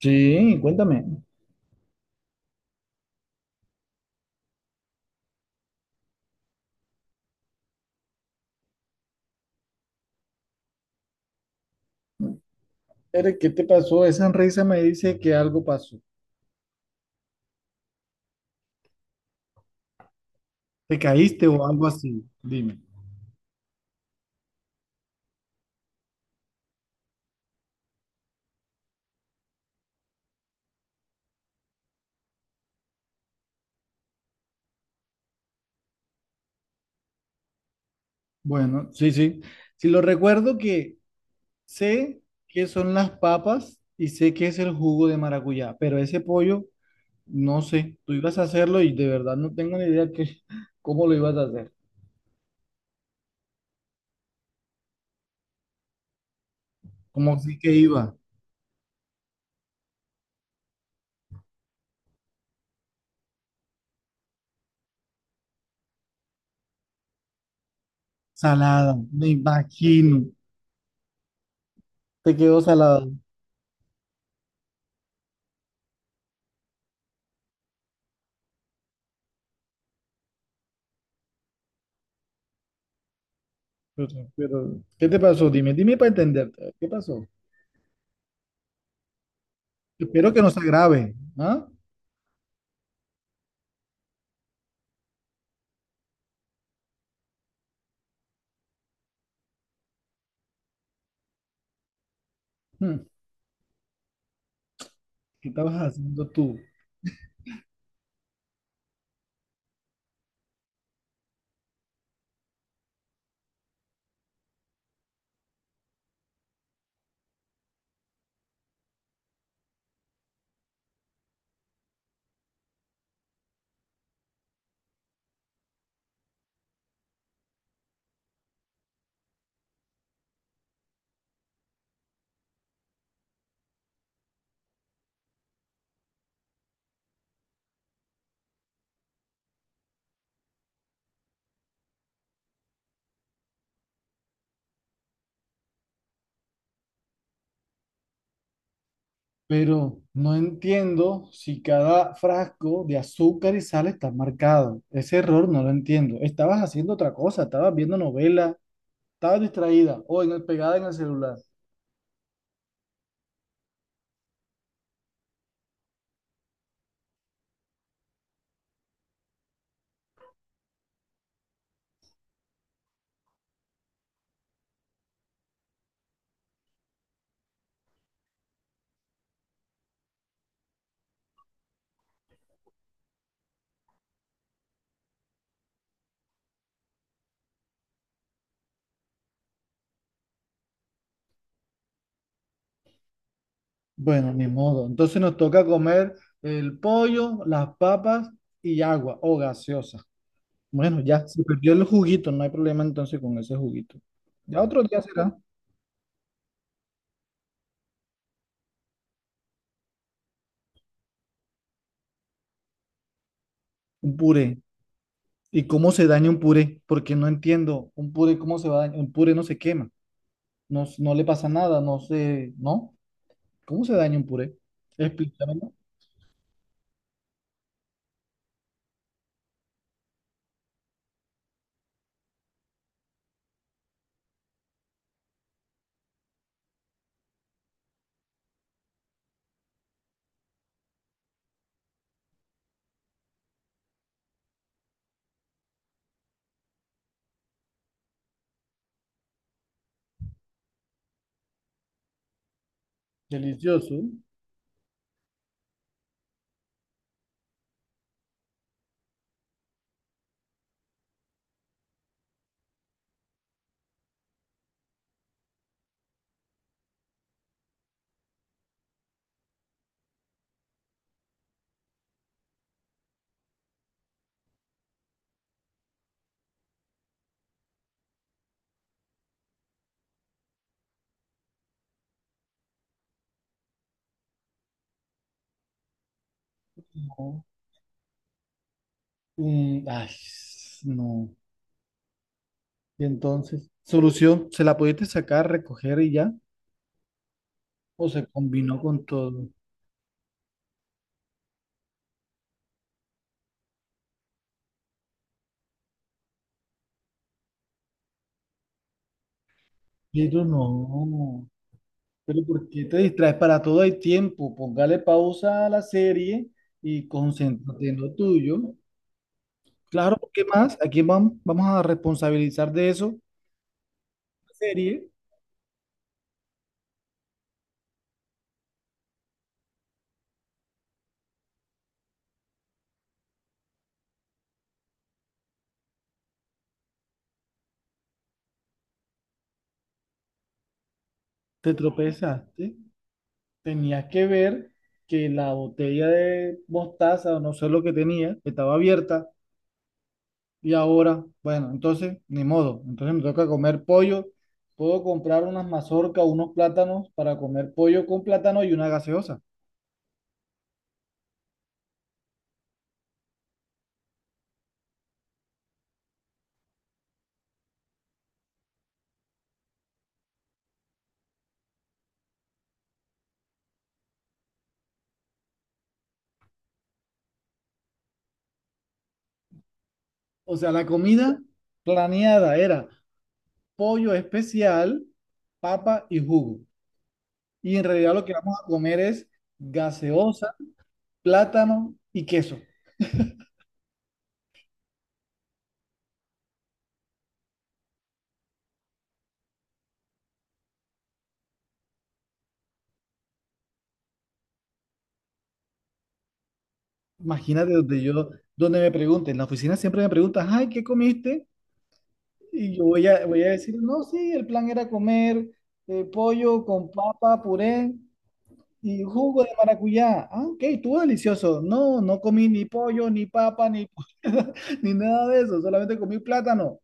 Sí, cuéntame. Eric, ¿qué te pasó? Esa sonrisa me dice que algo pasó. ¿Te caíste o algo así? Dime. Bueno, sí, sí. Si lo recuerdo que sé qué son las papas y sé qué es el jugo de maracuyá, pero ese pollo, no sé. Tú ibas a hacerlo y de verdad no tengo ni idea que, cómo lo ibas a hacer. ¿Cómo sí que iba? Salada, me imagino. Te quedó salada. Pero, pero, ¿qué te pasó? Dime para entenderte. ¿Qué pasó? Espero que no se agrave, ¿ah? Hmm. ¿Qué estabas haciendo tú? Pero no entiendo si cada frasco de azúcar y sal está marcado. Ese error no lo entiendo. Estabas haciendo otra cosa, estabas viendo novela, estabas distraída o pegada en el celular. Bueno, ni modo. Entonces nos toca comer el pollo, las papas y agua o gaseosa. Bueno, ya se perdió el juguito, no hay problema entonces con ese juguito. Ya otro día será un puré. ¿Y cómo se daña un puré? Porque no entiendo. ¿Un puré cómo se va a dañar? Un puré no se quema. No, no le pasa nada. No sé. ¿No? ¿Cómo se daña un puré? Explícamelo. Delicioso. No. Mm, ay, no. Y entonces, solución, ¿se la pudiste sacar, recoger y ya? ¿O se combinó con todo? Pero no. Pero ¿por qué te distraes? Para todo hay tiempo. Póngale pausa a la serie y concéntrate en lo tuyo. Claro, ¿qué más? ¿A quién vamos a responsabilizar de eso? La serie, te tropezaste, tenías que ver que la botella de mostaza o no sé lo que tenía estaba abierta y ahora, bueno, entonces ni modo, entonces me toca comer pollo, puedo comprar unas mazorcas, unos plátanos para comer pollo con plátano y una gaseosa. O sea, la comida planeada era pollo especial, papa y jugo. Y en realidad lo que vamos a comer es gaseosa, plátano y queso. Imagínate donde yo, donde me pregunten, en la oficina siempre me preguntan, ay, ¿qué comiste? Y yo voy a decir, no, sí, el plan era comer pollo con papa, puré y jugo de maracuyá. Ah, ok, estuvo delicioso. No, no comí ni pollo, ni papa, ni, ni nada de eso, solamente comí plátano.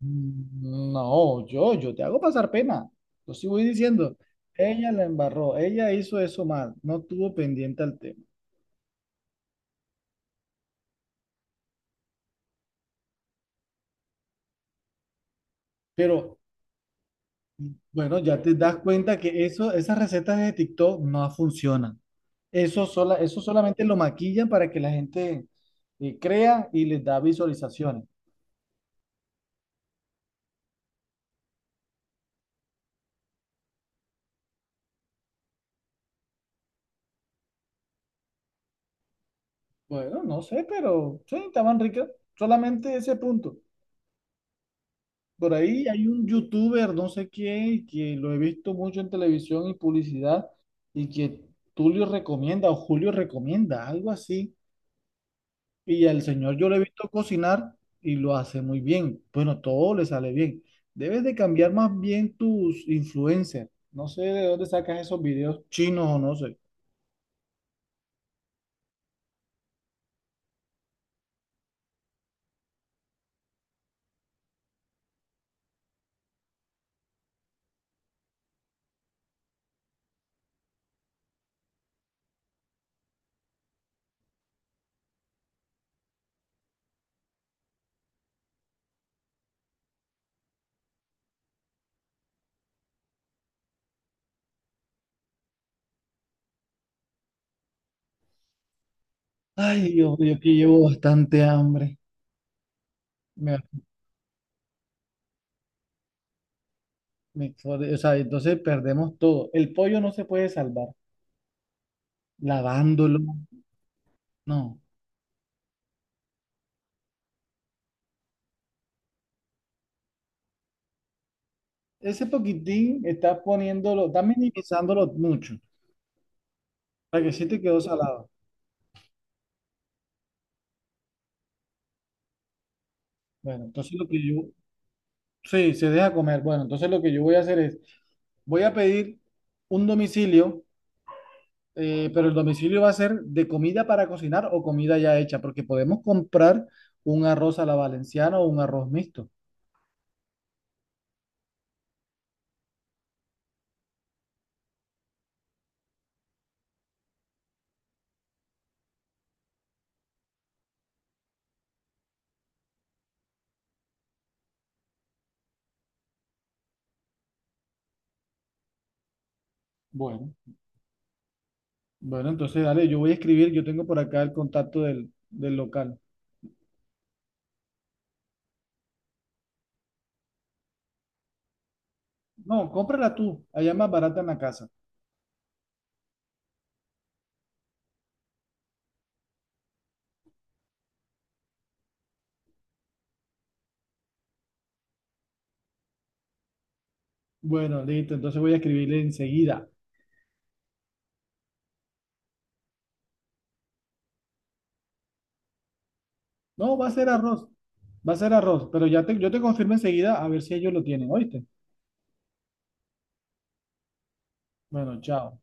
"Mm, no, yo te hago pasar pena. Yo sí voy diciendo, ella la embarró, ella hizo eso mal, no tuvo pendiente al tema. Pero bueno, ya te das cuenta que eso, esas recetas de TikTok no funcionan. Eso, eso solamente lo maquillan para que la gente crea y les da visualizaciones. Bueno, no sé, pero sí, estaban ricas. Solamente ese punto. Por ahí hay un youtuber, no sé quién, que lo he visto mucho en televisión y publicidad, y que Tulio recomienda o Julio recomienda, algo así. Y al señor yo lo he visto cocinar y lo hace muy bien. Bueno, todo le sale bien. Debes de cambiar más bien tus influencers. No sé de dónde sacas esos videos chinos o no sé. Ay, Dios, yo que llevo bastante hambre. Me- me- o sea, entonces perdemos todo. El pollo no se puede salvar. Lavándolo, no. Ese poquitín estás poniéndolo, estás minimizándolo mucho. Para que sí te quedó salado. Bueno, entonces lo que yo... Sí, se deja comer. Bueno, entonces lo que yo voy a hacer es... Voy a pedir un domicilio, pero el domicilio va a ser de comida para cocinar o comida ya hecha, porque podemos comprar un arroz a la valenciana o un arroz mixto. Bueno, bueno, entonces dale, yo voy a escribir, yo tengo por acá el contacto del local. No, cómprala tú, allá es más barata en la casa. Bueno, listo, entonces voy a escribirle enseguida. No, va a ser arroz, pero ya te, yo te confirmo enseguida a ver si ellos lo tienen, ¿oíste? Bueno, chao.